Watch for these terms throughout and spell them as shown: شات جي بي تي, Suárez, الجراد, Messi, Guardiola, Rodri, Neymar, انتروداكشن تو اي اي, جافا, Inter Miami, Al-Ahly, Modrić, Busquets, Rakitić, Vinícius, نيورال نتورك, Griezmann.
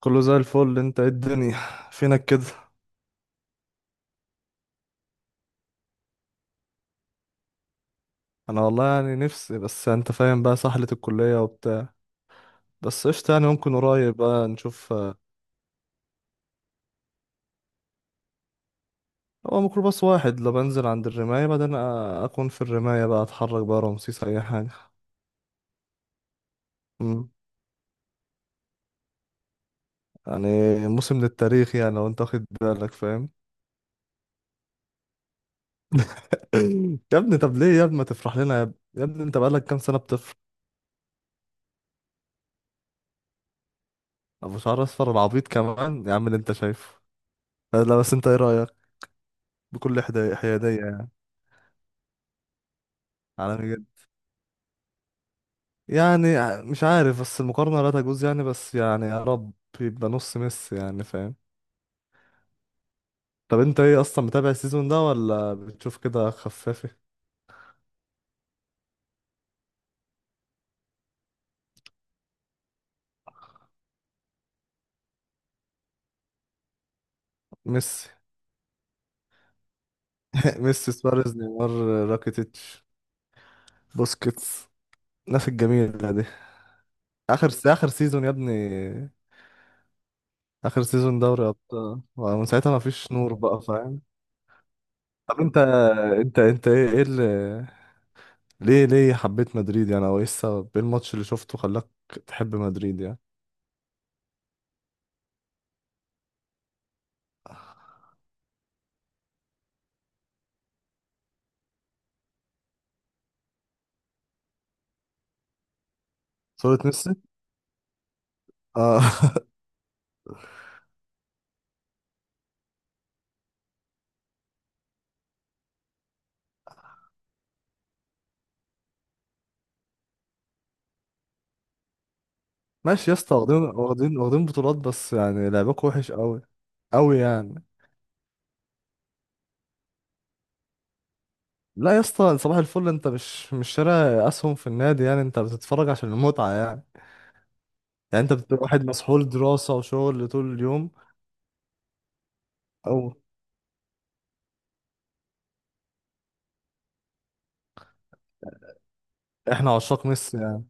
كله زي الفل. انت ايه الدنيا؟ فينك كده؟ انا والله يعني نفسي، بس انت فاهم بقى سحلة الكلية وبتاع. بس قشطة، يعني ممكن قريب بقى نشوف هو ميكروباص واحد، لو بنزل عند الرماية بعدين اكون في الرماية بقى اتحرك بقى رمسيس اي حاجة. مم. يعني موسم للتاريخ يعني، لو انت واخد بالك فاهم. يا ابني طب ليه يا ابني ما تفرح لنا؟ يا ابني يا ابني انت بقالك كام سنة بتفرح؟ ابو شعر اصفر العبيط كمان يا عم اللي انت شايفه. لا بس انت ايه رأيك؟ بكل حيادية يعني. على، يعني مش عارف، بس المقارنة لا تجوز يعني، بس يعني يا رب يبقى نص ميسي يعني فاهم. طب انت ايه اصلا، متابع السيزون ده ولا بتشوف كده خفافي؟ ميسي. ميسي، سواريز، نيمار، راكيتيتش، بوسكيتس، الناس الجميلة دي. اخر سيزون يا ابني، اخر سيزون دوري ابطال، ومن ساعتها ما فيش نور بقى فاهم. طب انت انت ايه اللي، ليه حبيت مدريد يعني، او ايه السبب، ايه الماتش اللي شفته خلاك تحب مدريد يعني؟ صورة ميسي. اه ماشي يا اسطى، واخدين واخدين واخدين بطولات، بس يعني لعبك وحش قوي قوي يعني. لا يا اسطى صباح الفل، انت مش شاري اسهم في النادي يعني، انت بتتفرج عشان المتعه يعني. يعني انت بتبقى واحد مسحول دراسه وشغل طول اليوم. او احنا عشاق ميسي يعني.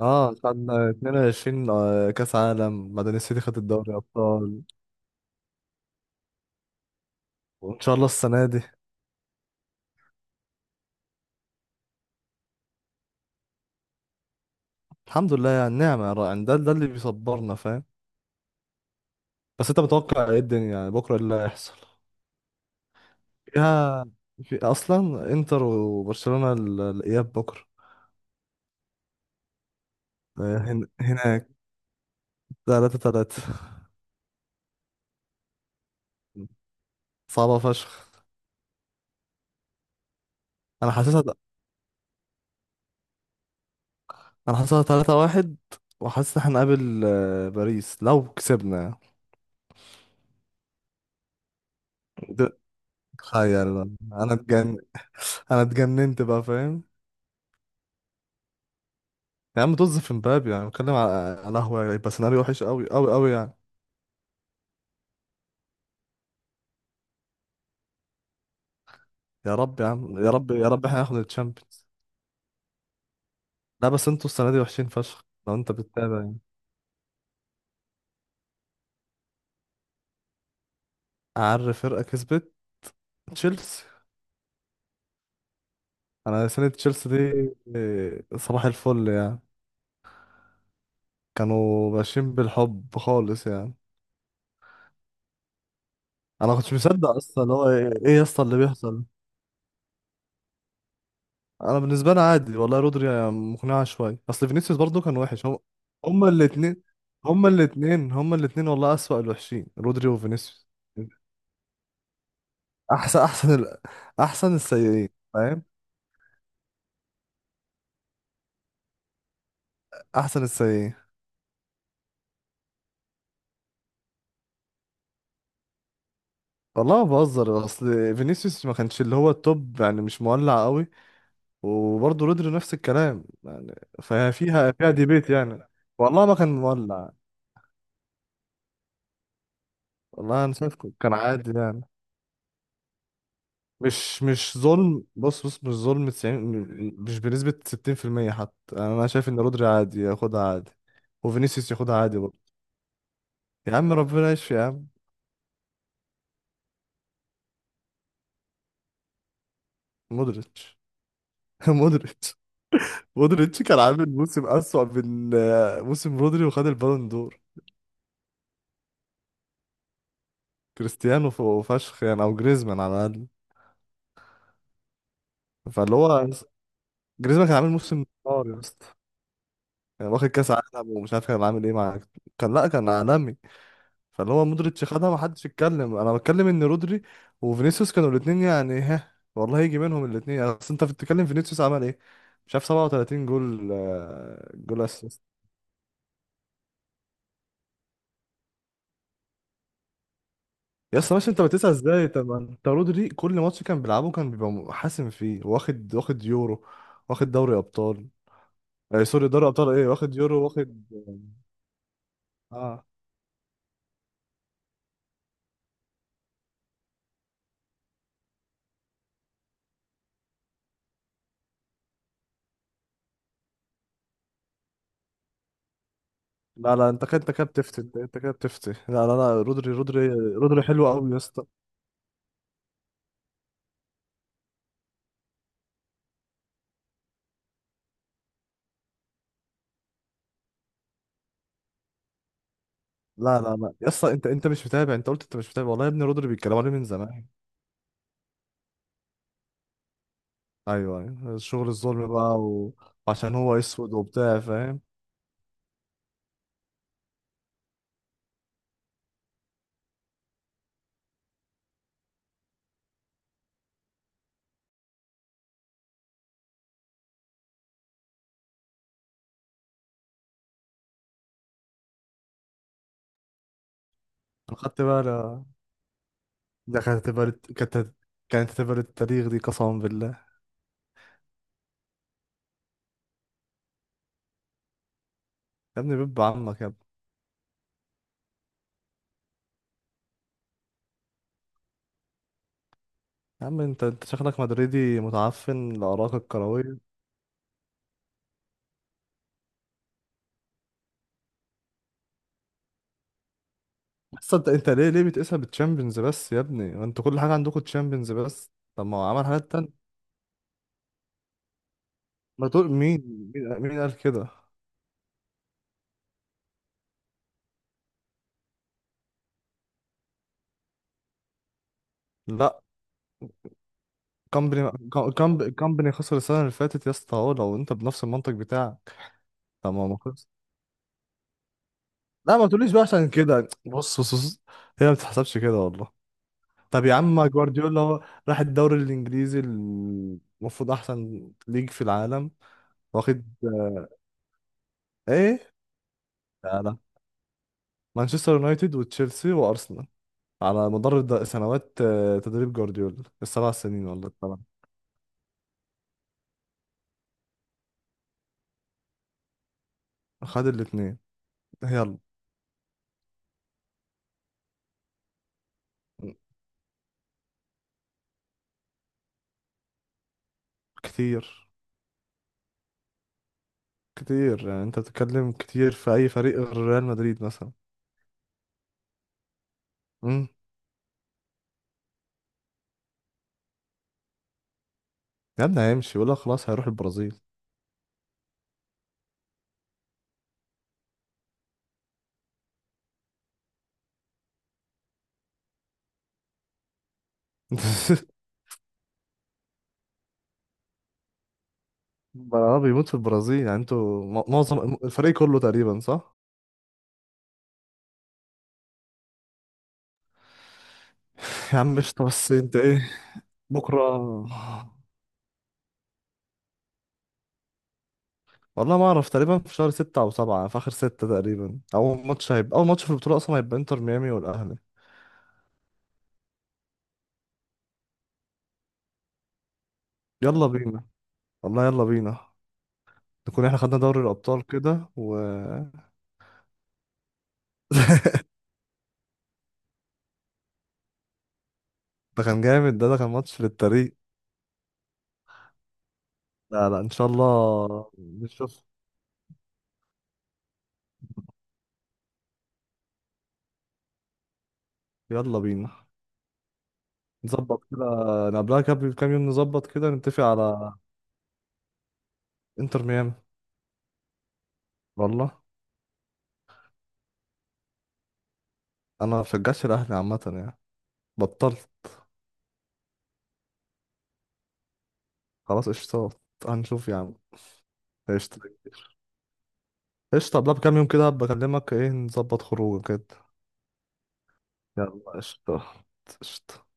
اه خدنا 22 كاس عالم، بعدين السيتي خدت الدوري ابطال، وان شاء الله السنه دي. الحمد لله يعني نعمه يعني، ده اللي بيصبرنا فاهم. بس انت متوقع ايه الدنيا يعني، بكره ايه اللي هيحصل فيها؟ في اصلا انتر وبرشلونة الاياب بكره. هناك 3-3. صعبة فشخ. انا حاسسها انا حاسسها 3-1. وحاسس ان احنا هنقابل باريس لو كسبنا. ده- تخيل بقى. انا اتجن، انا اتجننت بقى فاهم. يا عم طز في مبابي، يعني بتكلم على، على قهوة يبقى سيناريو وحش قوي قوي قوي يعني. يا رب يا عم، يا رب يا رب احنا ناخد الشامبيونز. لا بس انتوا السنة دي وحشين فشخ لو انت بتتابع يعني. اعر فرقة كسبت؟ تشيلسي. انا سنة تشيلسي دي صباح الفل يعني، كانوا ماشيين بالحب خالص يعني. انا ما كنتش مصدق اصلا، اللي هو ايه، إيه يا اسطى اللي بيحصل. انا بالنسبه لي عادي والله، رودري مقنعه شويه، اصل فينيسيوس برضو كان وحش هم. هما الاثنين هما الاثنين والله، اسوأ الوحشين رودري وفينيسيوس. احسن ال، احسن السيئين فاهم. احسن السيئين. والله ما بهزر، اصل فينيسيوس ما كانش اللي هو التوب يعني، مش مولع قوي، وبرضه رودري نفس الكلام يعني، ففيها ديبيت يعني، والله ما كان مولع. والله انا شايفكم كان عادي يعني، مش ظلم، بص بص مش ظلم 90، مش بنسبة 60% حتى يعني. انا شايف ان رودري عادي ياخدها عادي، وفينيسيوس ياخدها عادي برضه. يا عم ربنا يشفي يا عم. مودريتش. مودريتش. مودريتش كان عامل موسم أسوأ من موسم رودري وخد البالون دور. كريستيانو وفشخ يعني، او جريزمان على الاقل. فاللي هو جريزمان كان عامل موسم نار يا اسطى. كان واخد كاس عالم، ومش عارف كان عامل ايه مع، كان لا كان عالمي. فاللي هو مودريتش خدها، ما حدش يتكلم، انا بتكلم ان رودري وفينيسيوس كانوا الاثنين يعني، ها والله يجي منهم الاثنين. اصل انت بتتكلم فينيسيوس عمل ايه، مش عارف 37 جول جول اسيست. يا اسطى ماشي، انت بتسأل ازاي؟ طب ما انت رودري كل ماتش كان بيلعبه كان بيبقى حاسم فيه، واخد يورو، واخد دوري ابطال. سوري دوري ابطال، ايه واخد يورو واخد اه. لا لا، انت كده بتفتي، انت كده بتفتي، لا. لا لا، رودري حلو قوي يا اسطى. لا لا لا يا اسطى، انت مش متابع، انت قلت انت مش متابع، والله يا ابني رودري بيتكلموا عليه من زمان. ايوه ايوه الشغل الظلم بقى و، وعشان هو اسود وبتاع فاهم. خدت بقى لا. ده كانت هتبقى للتاريخ دي قسما بالله. يا ابني بيب عمك يا ابني. يا عم انت شكلك مدريدي متعفن لآرائك الكروية. بس انت ليه بتقيسها بالتشامبيونز بس يا ابني، ما انتوا كل حاجة عندكم تشامبيونز بس، طب ما هو عمل حاجات. ما تقول مين، مين قال كده؟ لا، كامباني. كامباني خسر السنه اللي فاتت يا اسطى اهو لو انت بنفس المنطق بتاعك. طب ما خسر؟ لا ما تقوليش بقى عشان كده. بص بص بص هي ما بتتحسبش كده والله. طب يا عم جوارديولا هو راح الدوري الانجليزي، المفروض احسن ليج في العالم، واخد ايه؟ لا لا، مانشستر يونايتد وتشيلسي وارسنال على مدار سنوات تدريب جوارديولا السبع سنين ولا الثمان. خد الاثنين، يلا. كتير. كتير يعني، انت بتتكلم كتير في اي فريق غير ريال مدريد مثلا؟ امم. يا ابني هيمشي ولا خلاص هيروح البرازيل. اه بيموت في البرازيل يعني، انتوا معظم الفريق كله تقريبا صح. يا عم مش بس انت ايه. بكره. والله ما اعرف، تقريبا في شهر ستة او سبعة، في اخر ستة تقريبا، اول ماتش في البطولة اصلا هيبقى انتر ميامي والاهلي. يلا بينا، والله يلا بينا، نكون احنا خدنا دوري الابطال كده و. ده كان جامد، ده كان ماتش للتاريخ. لا لا ان شاء الله نشوف. يلا بينا نظبط كده، نقابلها قبل بكام يوم نظبط كده، نتفق على. انتر ميامي والله. انا ما بشجعش الاهلي عامه يعني، بطلت. خلاص قشطة، هنشوف يا عم. قشطة، قشطة قبلها بكام يوم كده هبقى اكلمك، ايه نظبط خروج كده. يلا قشطة. قشطة.